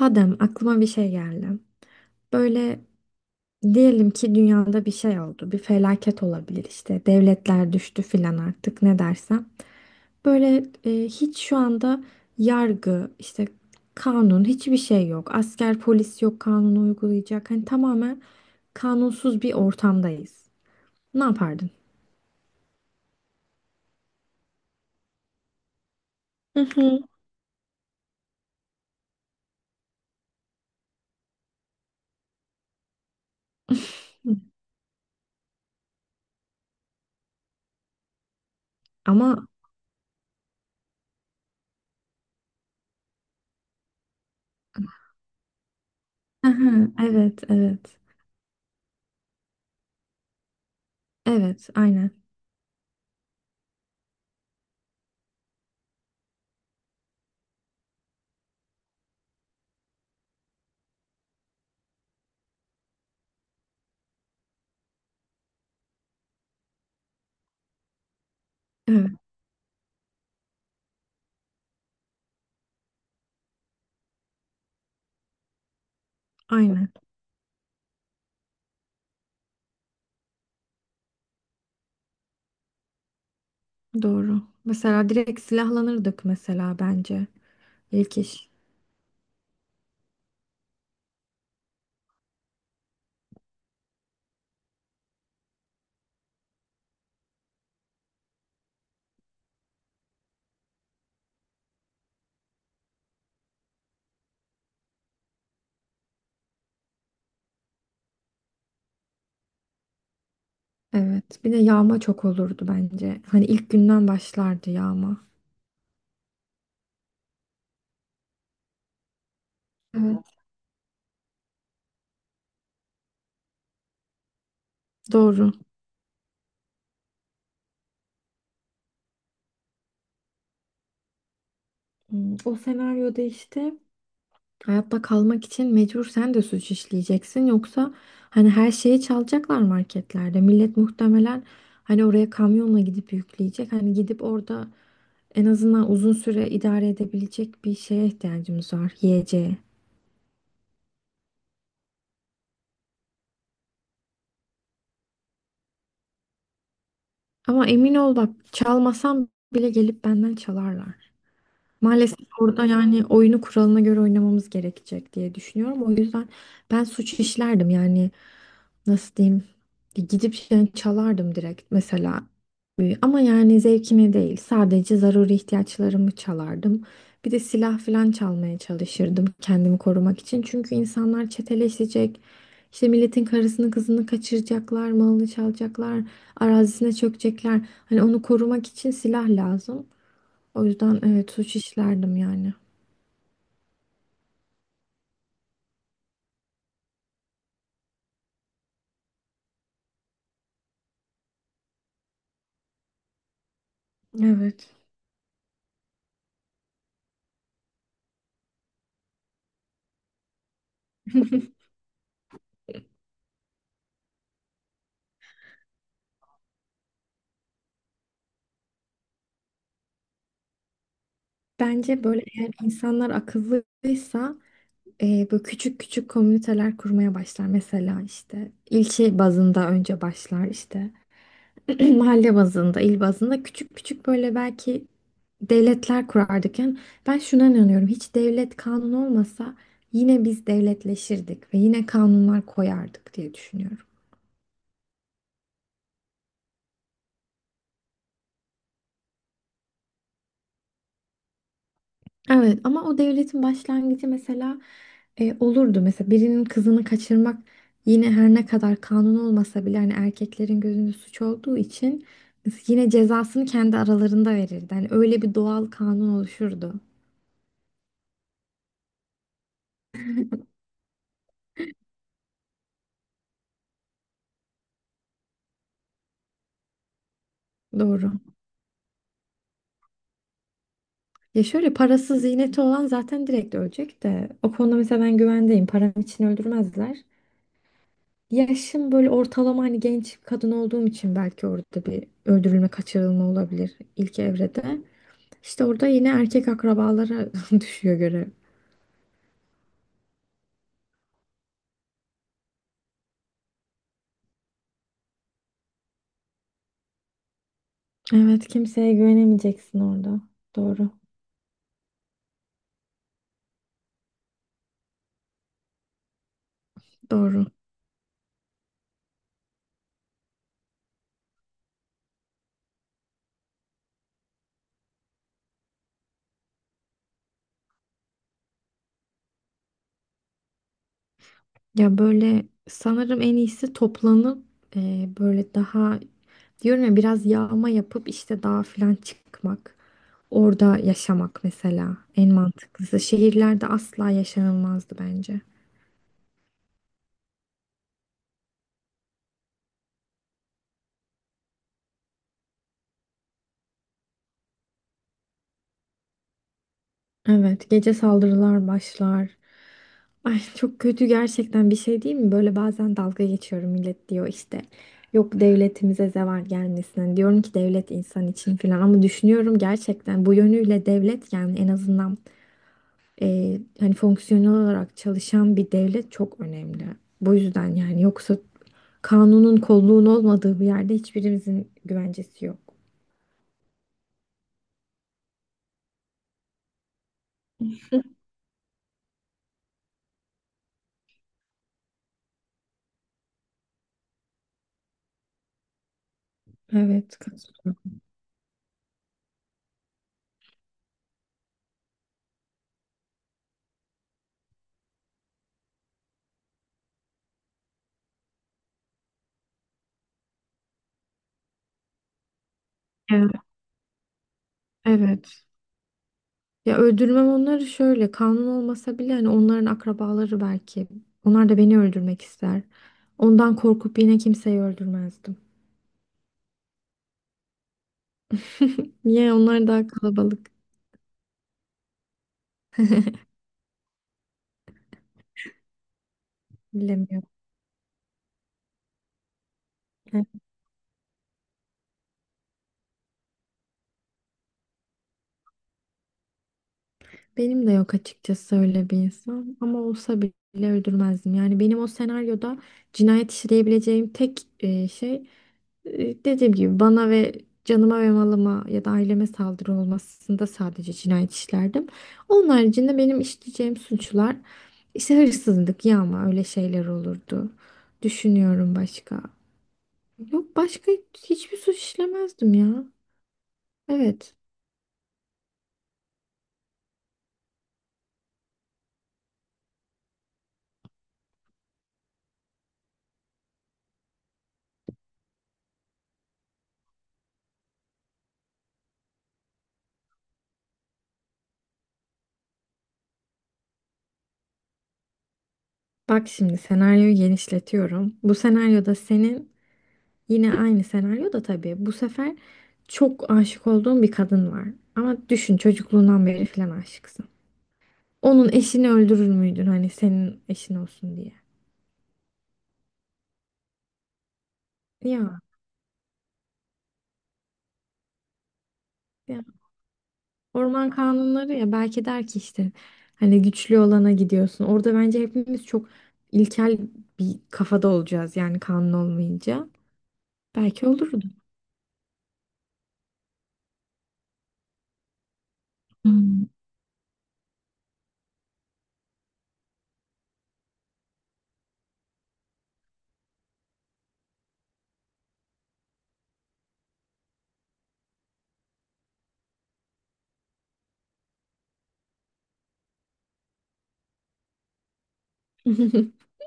Adem, aklıma bir şey geldi. Böyle diyelim ki dünyada bir şey oldu, bir felaket olabilir işte, devletler düştü filan artık ne dersen. Böyle hiç şu anda yargı, işte kanun, hiçbir şey yok. Asker, polis yok kanunu uygulayacak. Hani tamamen kanunsuz bir ortamdayız. Ne yapardın? Hı hı. Ama aha, evet, evet. Evet, aynen. Evet, aynen. Doğru. Mesela direkt silahlanırdık mesela bence. İlk iş. Evet. Bir de yağma çok olurdu bence. Hani ilk günden başlardı yağma. Evet. Doğru. Hmm, o senaryoda işte hayatta kalmak için mecbur sen de suç işleyeceksin. Yoksa hani her şeyi çalacaklar marketlerde. Millet muhtemelen hani oraya kamyonla gidip yükleyecek. Hani gidip orada en azından uzun süre idare edebilecek bir şeye ihtiyacımız var. Yiyeceğe. Ama emin ol bak çalmasam bile gelip benden çalarlar. Maalesef orada yani oyunu kuralına göre oynamamız gerekecek diye düşünüyorum. O yüzden ben suç işlerdim yani nasıl diyeyim gidip yani çalardım direkt mesela. Ama yani zevkime değil sadece zaruri ihtiyaçlarımı çalardım. Bir de silah falan çalmaya çalışırdım kendimi korumak için. Çünkü insanlar çeteleşecek. İşte milletin karısını kızını kaçıracaklar, malını çalacaklar, arazisine çökecekler. Hani onu korumak için silah lazım. O yüzden evet suç işlerdim yani. Evet. Bence böyle eğer insanlar akıllıysa böyle küçük küçük komüniteler kurmaya başlar. Mesela işte ilçe bazında önce başlar işte mahalle bazında, il bazında küçük küçük böyle belki devletler kurardık. Yani ben şuna inanıyorum hiç devlet kanun olmasa yine biz devletleşirdik ve yine kanunlar koyardık diye düşünüyorum. Evet ama o devletin başlangıcı mesela olurdu. Mesela birinin kızını kaçırmak yine her ne kadar kanun olmasa bile hani erkeklerin gözünde suç olduğu için yine cezasını kendi aralarında verirdi. Hani öyle bir doğal kanun oluşurdu. Doğru. Ya şöyle parasız ziyneti olan zaten direkt ölecek de o konuda mesela ben güvendeyim. Param için öldürmezler. Yaşım böyle ortalama hani genç kadın olduğum için belki orada bir öldürülme kaçırılma olabilir ilk evrede. İşte orada yine erkek akrabalara düşüyor görev. Evet, kimseye güvenemeyeceksin orada. Doğru. Doğru. Ya böyle sanırım en iyisi toplanıp böyle daha diyorum ya biraz yağma yapıp işte dağa falan çıkmak. Orada yaşamak mesela en mantıklısı. Şehirlerde asla yaşanılmazdı bence. Evet, gece saldırılar başlar. Ay çok kötü gerçekten bir şey değil mi? Böyle bazen dalga geçiyorum millet diyor işte. Yok devletimize zeval gelmesin. Hani diyorum ki devlet insan için falan ama düşünüyorum gerçekten bu yönüyle devlet yani en azından hani fonksiyonel olarak çalışan bir devlet çok önemli. Bu yüzden yani yoksa kanunun kolluğun olmadığı bir yerde hiçbirimizin güvencesi yok. Evet, katılıyorum. Evet. Evet. Ya öldürmem onları şöyle kanun olmasa bile hani onların akrabaları belki. Onlar da beni öldürmek ister. Ondan korkup yine kimseyi öldürmezdim. Niye onlar daha kalabalık bilemiyorum. Evet, benim de yok açıkçası öyle bir insan ama olsa bile öldürmezdim. Yani benim o senaryoda cinayet işleyebileceğim tek dediğim gibi bana ve canıma ve malıma ya da aileme saldırı olmasında sadece cinayet işlerdim. Onun haricinde benim işleyeceğim suçlar işte hırsızlık, yağma öyle şeyler olurdu. Düşünüyorum başka. Yok başka hiçbir suç işlemezdim ya. Evet. Bak şimdi senaryoyu genişletiyorum. Bu senaryoda senin yine aynı senaryoda tabii. Bu sefer çok aşık olduğun bir kadın var. Ama düşün çocukluğundan beri falan aşıksın. Onun eşini öldürür müydün hani senin eşin olsun diye? Ya, ya orman kanunları ya belki der ki işte hani güçlü olana gidiyorsun. Orada bence hepimiz çok ilkel bir kafada olacağız yani kanun olmayınca. Belki olurdu. Hmm.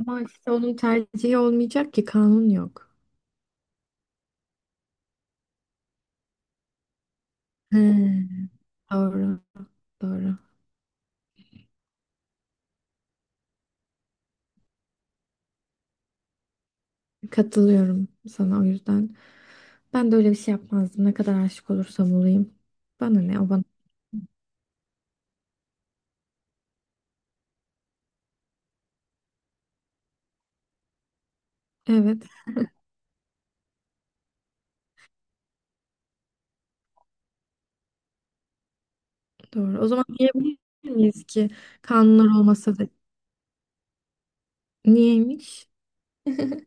Ama işte onun tercihi olmayacak ki kanun yok. He. Doğru, doğru. Katılıyorum sana o yüzden. Ben de öyle bir şey yapmazdım. Ne kadar aşık olursam olayım. Bana ne o bana. Evet doğru. O zaman diyebilir miyiz ki kanunlar olmasa da niyeymiş?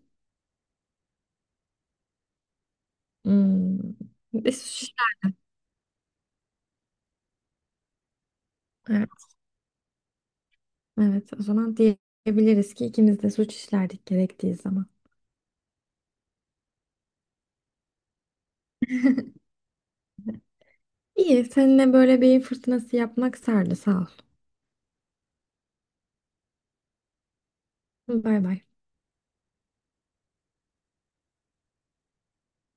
Hmm. E, suç işler- Evet, evet o zaman diyebiliriz ki ikimiz de suç işlerdik gerektiği zaman. İyi seninle böyle beyin fırtınası yapmak sardı sağ ol. Bay bay.